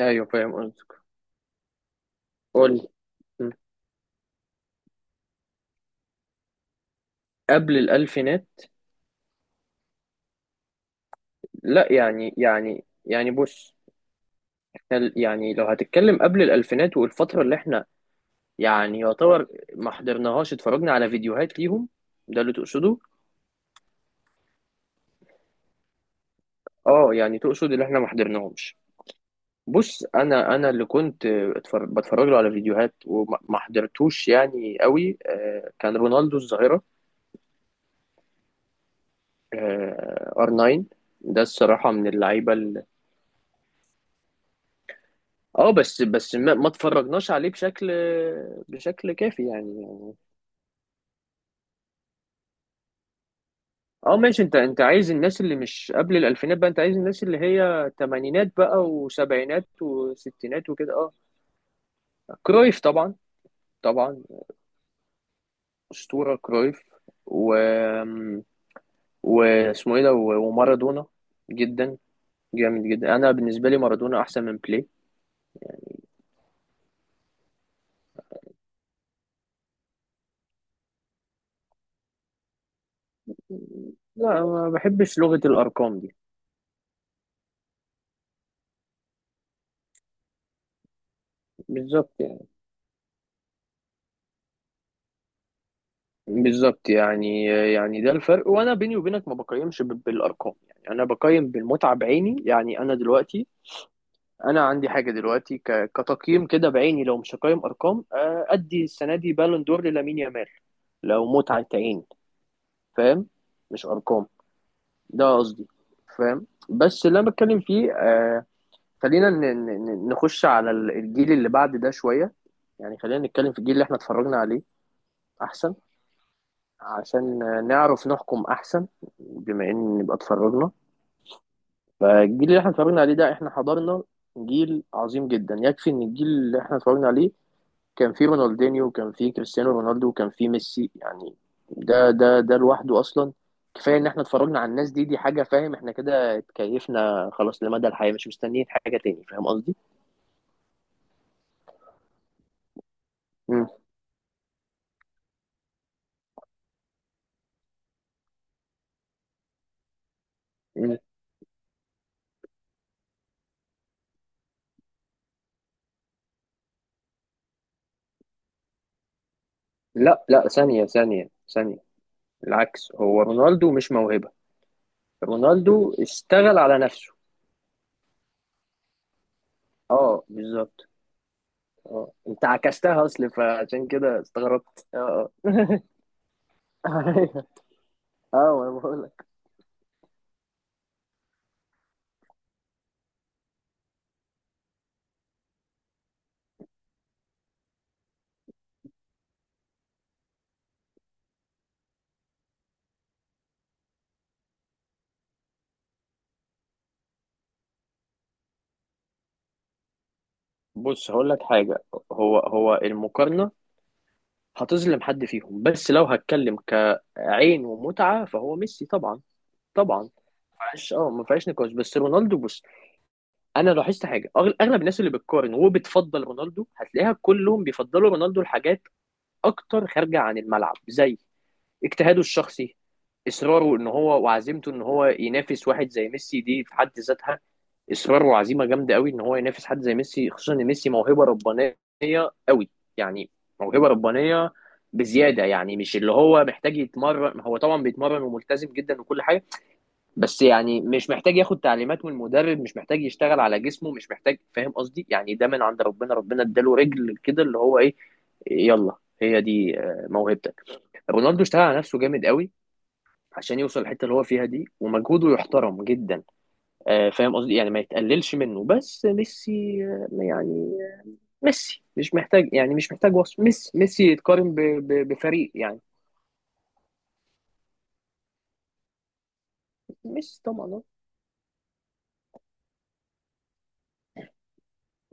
ايوه، فاهم قصدك. قول. م. قبل الالفينات. لا، يعني بص، إحنا يعني لو هتتكلم قبل الالفينات والفتره اللي احنا يعني يعتبر ما حضرناهاش، اتفرجنا على فيديوهات ليهم. ده اللي تقصده؟ اه، يعني تقصد اللي احنا ما حضرناهمش. بص، انا اللي كنت بتفرج له على فيديوهات وما ما حضرتوش يعني قوي، كان رونالدو الظاهره. ار 9، ده الصراحه من اللعيبه. اه بس، ما اتفرجناش عليه بشكل كافي يعني. اه ماشي، انت عايز الناس اللي مش قبل الالفينات بقى، انت عايز الناس اللي هي تمانينات بقى وسبعينات وستينات وكده اه. كرويف طبعا. طبعا، اسطورة كرويف. و واسمه ايه ده ومارادونا. جدا جامد جدا. انا بالنسبة لي مارادونا احسن من بلاي. لا، ما بحبش لغة الارقام دي. بالظبط يعني. بالظبط يعني، يعني ده الفرق. وانا بيني وبينك ما بقيمش بالارقام، يعني انا بقيم بالمتعه بعيني. يعني انا دلوقتي، انا عندي حاجه دلوقتي كتقييم كده بعيني. لو مش هقيم ارقام، ادي السنه دي بالون دور للامين يامال، لو متعه عين. فاهم؟ مش ارقام، ده قصدي. فاهم؟ بس اللي انا بتكلم فيه، خلينا نخش على الجيل اللي بعد ده شويه، يعني خلينا نتكلم في الجيل اللي احنا اتفرجنا عليه. احسن، عشان نعرف نحكم احسن، بما ان نبقى اتفرجنا. فالجيل اللي احنا اتفرجنا عليه ده احنا حضرنا جيل عظيم جدا. يكفي ان الجيل اللي احنا اتفرجنا عليه كان فيه رونالدينيو وكان فيه كريستيانو رونالدو وكان فيه ميسي يعني. ده لوحده اصلا كفايه. ان احنا اتفرجنا على الناس دي، دي حاجه. فاهم؟ احنا كده اتكيفنا خلاص لمدى الحياه، مش مستنيين حاجه تاني. فاهم قصدي؟ مم. مم. لا لا، ثانيه ثانيه ثانيه، العكس، هو رونالدو مش موهبه، رونالدو اشتغل على نفسه. اه بالظبط. اه، انت عكستها، اصل فعشان كده استغربت. اه اه أيوة. اه، انا بقول لك، بص هقول لك حاجه، هو المقارنه هتظلم حد فيهم. بس لو هتكلم كعين ومتعه، فهو ميسي طبعا. طبعا فيهاش اه ما فيهاش نقاش. بس رونالدو، بص، انا لاحظت حاجه، اغلب الناس اللي بتقارن وبتفضل رونالدو هتلاقيها كلهم بيفضلوا رونالدو لحاجات اكتر خارجه عن الملعب، زي اجتهاده الشخصي، اصراره ان هو وعزيمته ان هو ينافس واحد زي ميسي. دي في حد ذاتها اصرار وعزيمه جامده قوي، ان هو ينافس حد زي ميسي، خصوصا ان ميسي موهبه ربانيه قوي، يعني موهبه ربانيه بزياده. يعني مش اللي هو محتاج يتمرن، هو طبعا بيتمرن وملتزم جدا وكل حاجه، بس يعني مش محتاج ياخد تعليمات من المدرب، مش محتاج يشتغل على جسمه، مش محتاج، فاهم قصدي؟ يعني ده من عند ربنا اداله رجل كده اللي هو ايه، يلا هي دي موهبتك. رونالدو اشتغل على نفسه جامد قوي عشان يوصل الحته اللي هو فيها دي، ومجهوده يحترم جدا. فاهم قصدي؟ يعني ما يتقللش منه. بس ميسي، يعني ميسي مش محتاج، يعني مش محتاج وصف، ميسي يتقارن بفريق يعني. ميسي طبعا اه.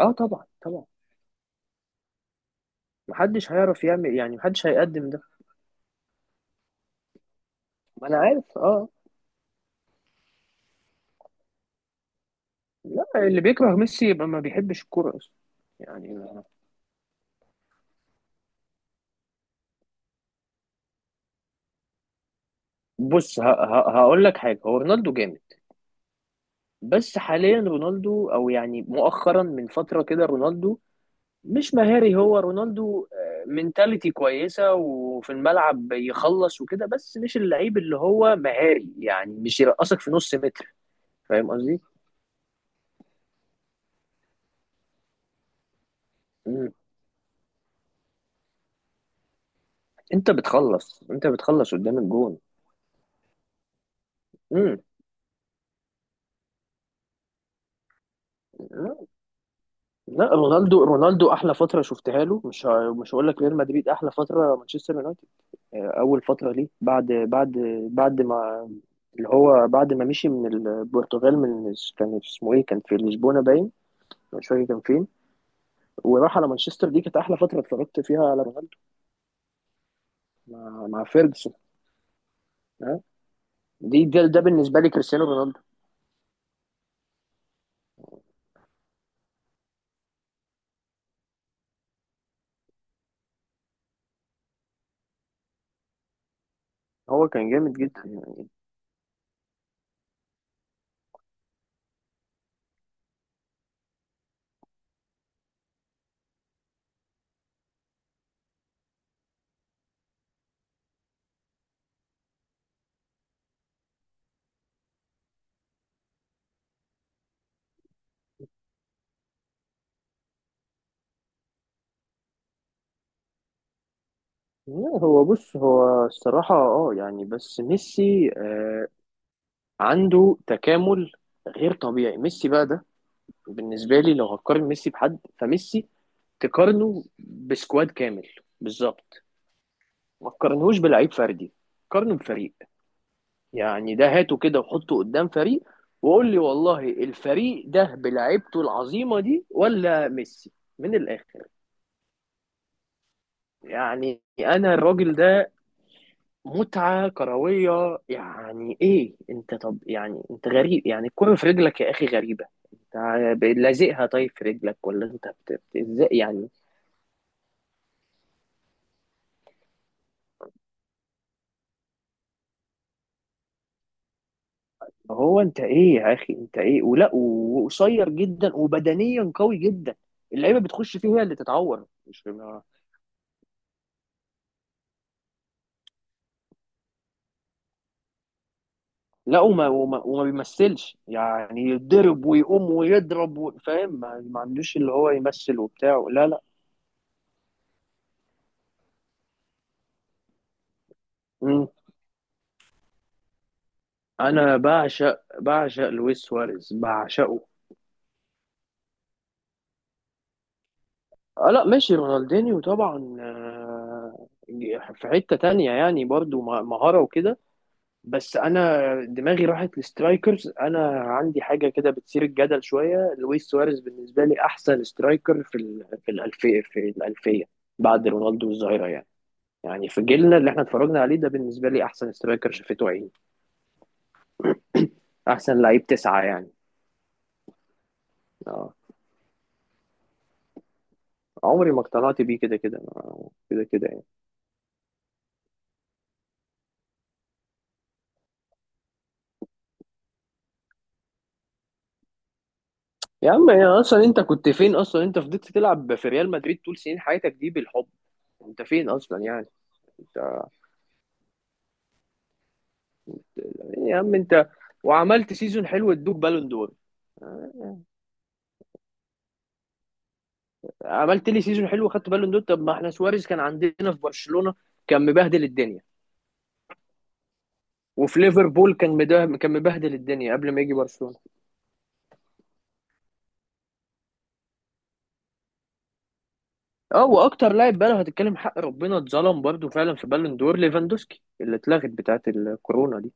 طبعا طبعا، محدش هيعرف يعمل، يعني محدش هيقدم ده. ما انا عارف اه. لا، اللي بيكره ميسي يبقى ما بيحبش الكوره اصلا يعني. بص، هقول لك حاجه، هو رونالدو جامد، بس حاليا رونالدو، او يعني مؤخرا من فتره كده، رونالدو مش مهاري. هو رونالدو منتاليتي كويسة، وفي الملعب يخلص وكده، بس مش اللعيب اللي هو مهاري، يعني مش يرقصك في نص متر. فاهم قصدي؟ مم. انت بتخلص قدام الجون. مم. لا، رونالدو احلى فترة شفتها له، مش هقول لك ريال مدريد، احلى فترة مانشستر يونايتد. اول فترة ليه، بعد ما، اللي هو بعد ما مشي من البرتغال، من كان اسمه ايه، كان في لشبونة باين، مش فاكر كان فين، وراح على مانشستر، دي كانت احلى فتره اتفرجت فيها على رونالدو، مع فيرجسون. ها؟ ده بالنسبه لي كريستيانو رونالدو. هو كان جامد جدا يعني. لا، هو بص، هو الصراحه اه يعني، بس ميسي عنده تكامل غير طبيعي. ميسي بقى ده، بالنسبه لي لو هقارن ميسي بحد، فميسي تقارنه بسكواد كامل، بالظبط. ما تقارنهوش بلعيب فردي، قارنه بفريق، يعني ده هاته كده وحطه قدام فريق، وقول لي والله الفريق ده بلعيبته العظيمة دي ولا ميسي؟ من الآخر. يعني أنا الراجل ده متعة كروية، يعني إيه أنت؟ طب يعني أنت غريب، يعني الكرة في رجلك يا أخي غريبة. أنت لازقها طيب في رجلك، ولا أنت إزاي يعني؟ هو أنت إيه يا أخي؟ أنت إيه؟ ولا وقصير جدا وبدنيا قوي جدا، اللعيبة بتخش فيه هي اللي تتعور، مش، لا، وما بيمثلش، يعني يضرب ويقوم ويضرب فاهم، ما عندوش اللي هو يمثل وبتاع، لا لا. مم. انا بعشق لويس سواريز، بعشقه. اه لا ماشي، رونالدينيو طبعا، في حتة تانية يعني برضو، مهارة وكده. بس انا دماغي راحت لسترايكرز. انا عندي حاجة كده بتثير الجدل شوية، لويس سواريز بالنسبة لي احسن سترايكر في الالفية بعد رونالدو والظاهرة يعني. يعني في جيلنا اللي احنا اتفرجنا عليه ده، بالنسبة لي أحسن سترايكر شافته عيني، أحسن لعيب تسعة يعني. اه، عمري ما اقتنعت بيه، كده كده كده كده يعني. يا عم يا، أصلا أنت كنت فين؟ أصلا أنت فضلت تلعب في ريال مدريد طول سنين حياتك دي بالحب. أنت فين أصلا يعني؟ أنت، يا عم أنت، وعملت سيزون حلو ادوك بالون دور؟ عملت لي سيزون حلو خدت بالون دور. طب ما احنا سواريز كان عندنا في برشلونة، كان مبهدل الدنيا. وفي ليفربول كان كان مبهدل الدنيا قبل ما يجي برشلونة. اه، واكتر لاعب بقى لو هتتكلم حق ربنا اتظلم برضو فعلا في بالون دور، ليفاندوسكي اللي اتلغت بتاعت الكورونا دي.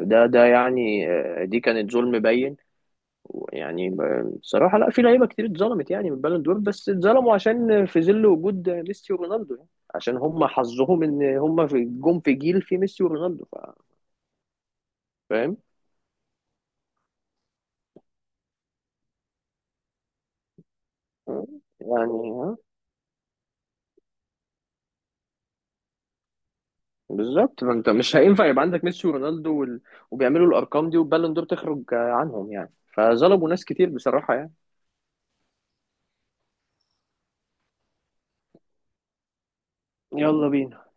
ده يعني، دي كانت ظلم باين. ويعني بصراحة لا، في لعيبة كتير اتظلمت يعني من بالون دور، بس اتظلموا عشان في ظل وجود ميسي ورونالدو يعني، عشان هم حظهم ان هم في، في جيل في ميسي ورونالدو، فاهم يعني؟ ها، بالظبط. ما انت مش هينفع يبقى عندك ميسي ورونالدو وبيعملوا الارقام دي، والبالون دور تخرج عنهم، يعني فظلموا ناس كتير بصراحة يعني. يلا بينا.